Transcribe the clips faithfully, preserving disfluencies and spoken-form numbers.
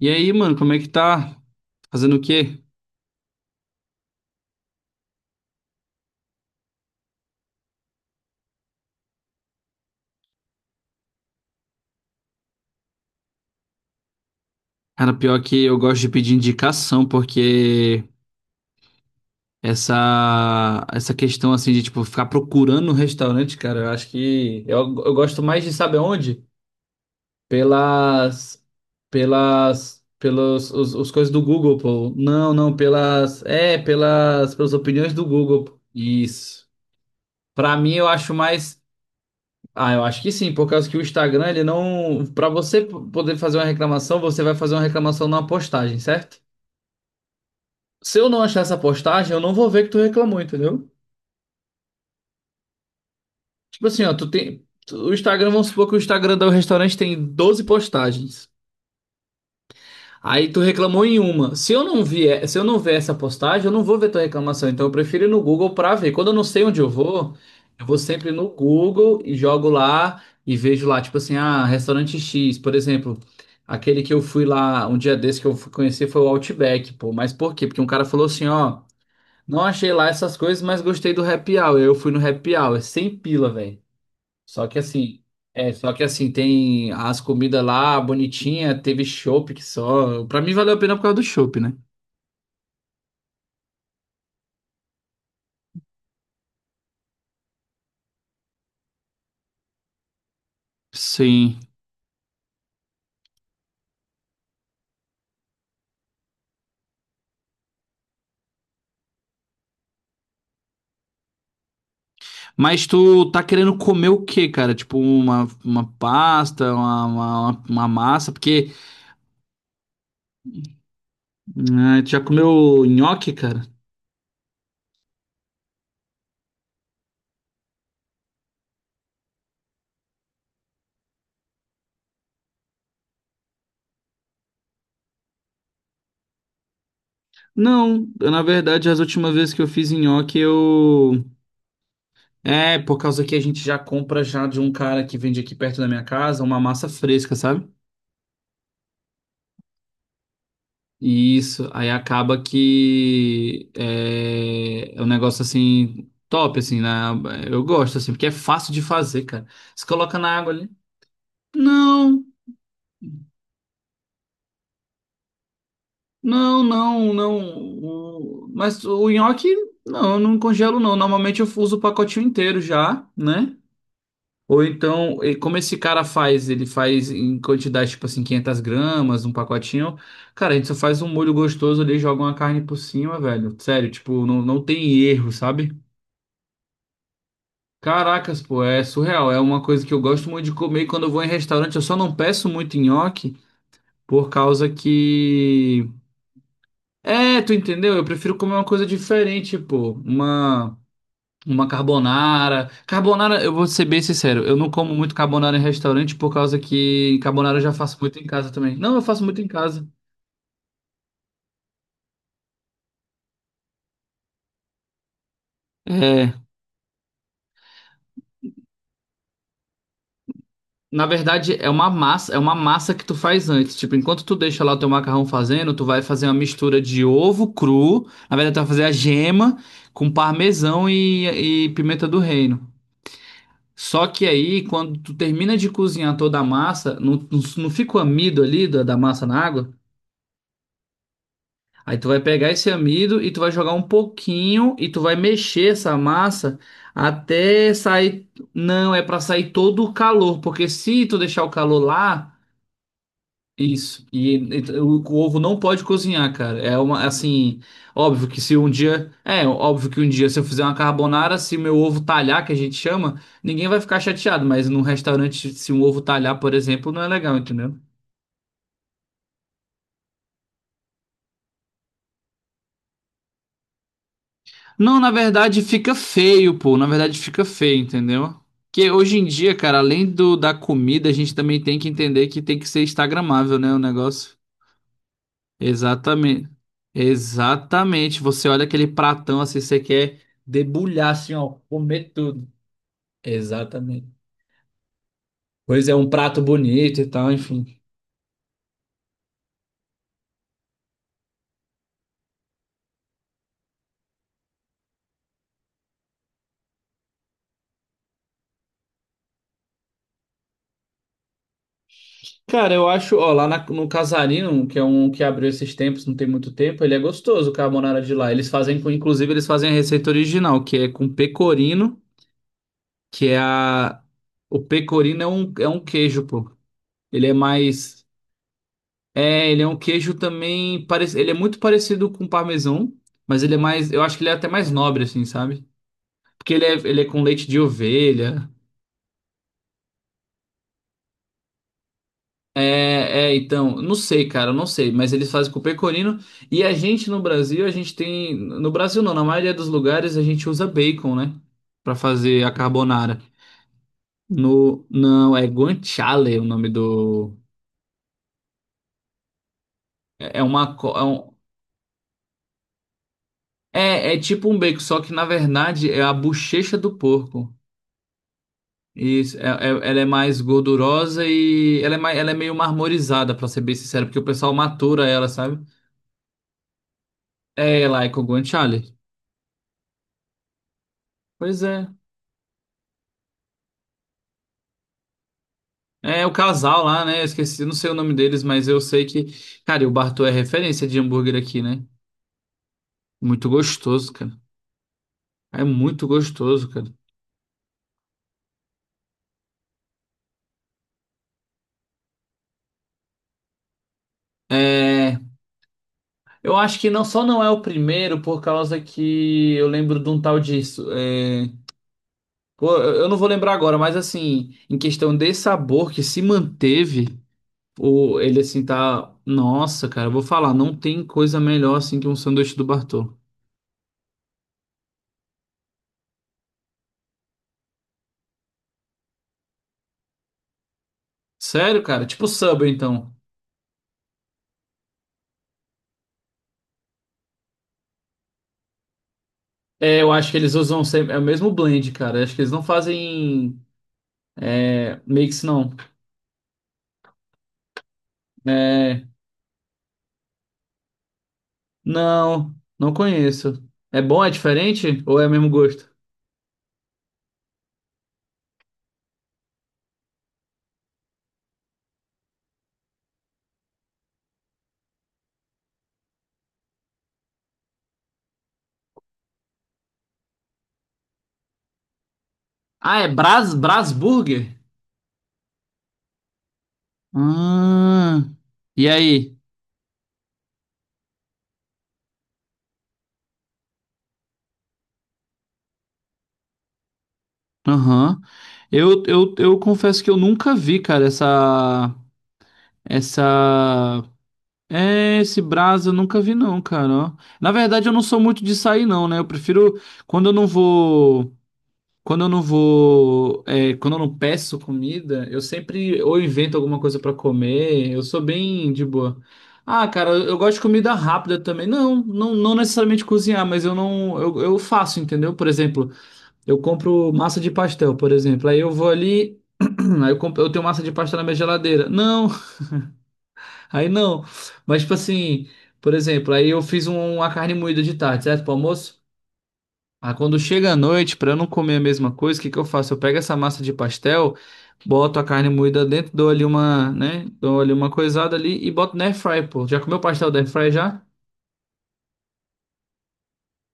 E aí, mano, como é que tá? Fazendo o quê? Cara, pior que eu gosto de pedir indicação, porque essa essa questão assim de tipo ficar procurando um restaurante, cara, eu acho que eu, eu gosto mais de saber onde? Pelas pelas pelos os, os coisas do Google, pô. Não, não, pelas é, pelas pelas opiniões do Google. Isso. Pra mim eu acho mais. Ah, eu acho que sim, por causa que o Instagram, ele não. Para você p- poder fazer uma reclamação, você vai fazer uma reclamação numa postagem, certo? Se eu não achar essa postagem, eu não vou ver que tu reclamou, entendeu? Tipo assim, ó, tu tem. tu- o Instagram, vamos supor que o Instagram do restaurante tem doze postagens. Aí tu reclamou em uma. Se eu não vier, se eu não ver essa postagem, eu não vou ver tua reclamação. Então eu prefiro ir no Google pra ver. Quando eu não sei onde eu vou, eu vou sempre no Google e jogo lá e vejo lá, tipo assim, ah, restaurante X, por exemplo. Aquele que eu fui lá um dia desse que eu fui conhecer foi o Outback, pô. Mas por quê? Porque um cara falou assim, ó, não achei lá essas coisas, mas gostei do Happy Hour. Eu fui no Happy Hour, sem pila, velho. Só que assim, é, só que assim, tem as comidas lá bonitinha, teve chopp que só. Pra mim valeu a pena por causa do chopp, né? Sim. Mas tu tá querendo comer o quê, cara? Tipo uma, uma pasta, uma, uma, uma massa? Porque ah, tu já comeu nhoque, cara? Não, eu, na verdade, as últimas vezes que eu fiz nhoque, eu. É, por causa que a gente já compra já de um cara que vende aqui perto da minha casa, uma massa fresca, sabe? Isso, aí acaba que é, é um negócio assim, top, assim, né? Eu gosto, assim, porque é fácil de fazer, cara. Você coloca na água ali. Não, não, não, não. o- Mas o nhoque, não, eu não congelo, não. Normalmente eu uso o pacotinho inteiro já, né? Ou então, e como esse cara faz, ele faz em quantidade, tipo assim, quinhentas gramas, um pacotinho. Cara, a gente só faz um molho gostoso ali, joga uma carne por cima, velho. Sério, tipo, não, não tem erro, sabe? Caracas, pô, é surreal. É uma coisa que eu gosto muito de comer. E quando eu vou em restaurante, eu só não peço muito nhoque por causa que. É, tu entendeu? Eu prefiro comer uma coisa diferente, pô. Uma. Uma carbonara. Carbonara, eu vou ser bem sincero, eu não como muito carbonara em restaurante por causa que carbonara eu já faço muito em casa também. Não, eu faço muito em casa. É. Na verdade, é uma massa, é uma massa que tu faz antes. Tipo, enquanto tu deixa lá o teu macarrão fazendo, tu vai fazer uma mistura de ovo cru. Na verdade, tu vai fazer a gema com parmesão e, e pimenta do reino. Só que aí, quando tu termina de cozinhar toda a massa, não, não, não fica o amido ali da, da massa na água? Aí tu vai pegar esse amido e tu vai jogar um pouquinho e tu vai mexer essa massa até sair. Não, é pra sair todo o calor, porque se tu deixar o calor lá. Isso. E, e o, o ovo não pode cozinhar, cara. É uma, assim, óbvio que se um dia, é, óbvio que um dia se eu fizer uma carbonara, se meu ovo talhar, que a gente chama, ninguém vai ficar chateado, mas num restaurante, se um ovo talhar, por exemplo, não é legal, entendeu? Não, na verdade fica feio, pô. Na verdade fica feio, entendeu? Que hoje em dia, cara, além do da comida, a gente também tem que entender que tem que ser instagramável, né, o negócio. Exatamente. Exatamente. Você olha aquele pratão assim, você quer debulhar assim, ó, comer tudo. Exatamente. Pois é, um prato bonito e tal, enfim. Cara, eu acho, ó, lá na- no Casarino, que é um que abriu esses tempos, não tem muito tempo, ele é gostoso, o carbonara de lá. Eles fazem com, inclusive, eles fazem a receita original, que é com pecorino, que é a... O pecorino é um, é um queijo, pô. Ele é mais. É, ele é um queijo também, parece, ele é muito parecido com parmesão, mas ele é mais, eu acho que ele é até mais nobre assim, sabe? Porque ele é, ele é com leite de ovelha. É, é, então, não sei, cara, eu não sei, mas eles fazem com pecorino e a gente no Brasil, a gente tem, no Brasil não, na maioria dos lugares a gente usa bacon, né, pra fazer a carbonara. No, não, é guanciale o nome do é é uma co- é, um- é é tipo um bacon, só que na verdade é a bochecha do porco. Isso, é- é- ela é mais gordurosa e ela é, mais, ela é meio marmorizada, pra ser bem sincero, porque o pessoal matura ela, sabe? É ela e Kogon Charlie. Pois é. É o casal lá, né? Eu esqueci, não sei o nome deles, mas eu sei que. Cara, e o Bartô é referência de hambúrguer aqui, né? Muito gostoso, cara. É muito gostoso, cara. É. Eu acho que não só não é o primeiro, por causa que eu lembro de um tal disso. É... Pô, eu eu não vou lembrar agora, mas assim, em questão de sabor que se manteve. Ou ele assim tá. Nossa, cara, eu vou falar, não tem coisa melhor assim que um sanduíche do Bartô. Sério, cara? Tipo Subway, então. É, eu acho que eles usam sempre... é o mesmo blend, cara. Eu acho que eles não fazem é, mix, não. É. Não, não conheço. É bom, é diferente? Ou é o mesmo gosto? Ah, é Bras, Brasburger? Ah, e aí? Aham. Eu, eu, eu confesso que eu nunca vi, cara, essa. Essa. É, esse Brás eu nunca vi não, cara, ó. Na verdade, eu não sou muito de sair não, né? Eu prefiro quando eu não vou, quando eu não vou, é, quando eu não peço comida, eu sempre ou invento alguma coisa pra comer. Eu sou bem de boa. Ah, cara, eu gosto de comida rápida também. Não, não, não necessariamente cozinhar, mas eu não, eu, eu faço, entendeu? Por exemplo, eu compro massa de pastel, por exemplo. Aí eu vou ali, aí eu, compro, eu tenho massa de pastel na minha geladeira. Não, aí não. Mas, tipo assim, por exemplo, aí eu fiz um- uma carne moída de tarde, certo? Pro almoço. Aí quando chega a noite, pra eu não comer a mesma coisa, o que que eu faço? Eu pego essa massa de pastel, boto a carne moída dentro, dou ali uma, né? Dou ali uma coisada ali e boto na air fry, pô. Já comeu pastel da air fry já?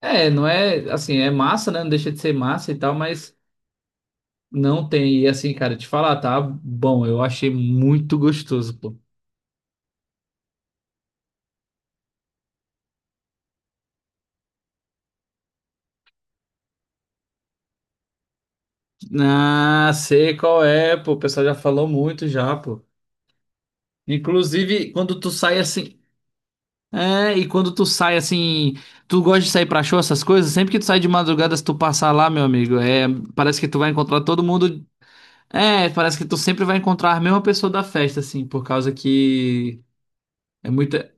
É, não é, assim, é massa, né? Não deixa de ser massa e tal, mas não tem. E assim, cara, te falar, tá bom, eu achei muito gostoso, pô. Ah, sei qual é, pô. O pessoal já falou muito já, pô. Inclusive, quando tu sai assim. É, e quando tu sai assim. Tu gosta de sair pra show, essas coisas? Sempre que tu sai de madrugada, se tu passar lá, meu amigo, é, parece que tu vai encontrar todo mundo. É, parece que tu sempre vai encontrar a mesma pessoa da festa, assim, por causa que é muita.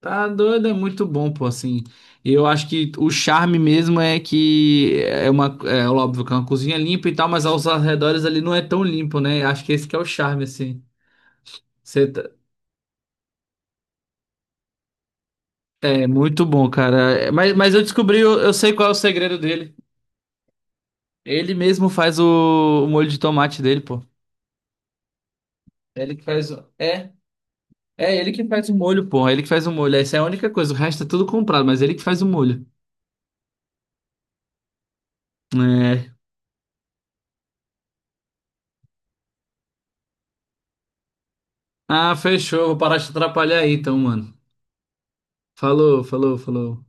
Tá doido, é muito bom, pô, assim. E eu acho que o charme mesmo é que é uma. É óbvio que é uma cozinha limpa e tal, mas aos arredores ali não é tão limpo, né? Acho que esse que é o charme, assim. Você tá. É muito bom, cara. É, Mas, mas eu descobri, eu, eu sei qual é o segredo dele. Ele mesmo faz o, o molho de tomate dele, pô. É ele que faz. o- É, é ele que faz o molho, pô. É ele que faz o molho. Essa é a única coisa. O resto é tudo comprado, mas é ele que faz o molho. É. Ah, fechou. Vou parar de te atrapalhar aí, então, mano. Falou, falou, falou.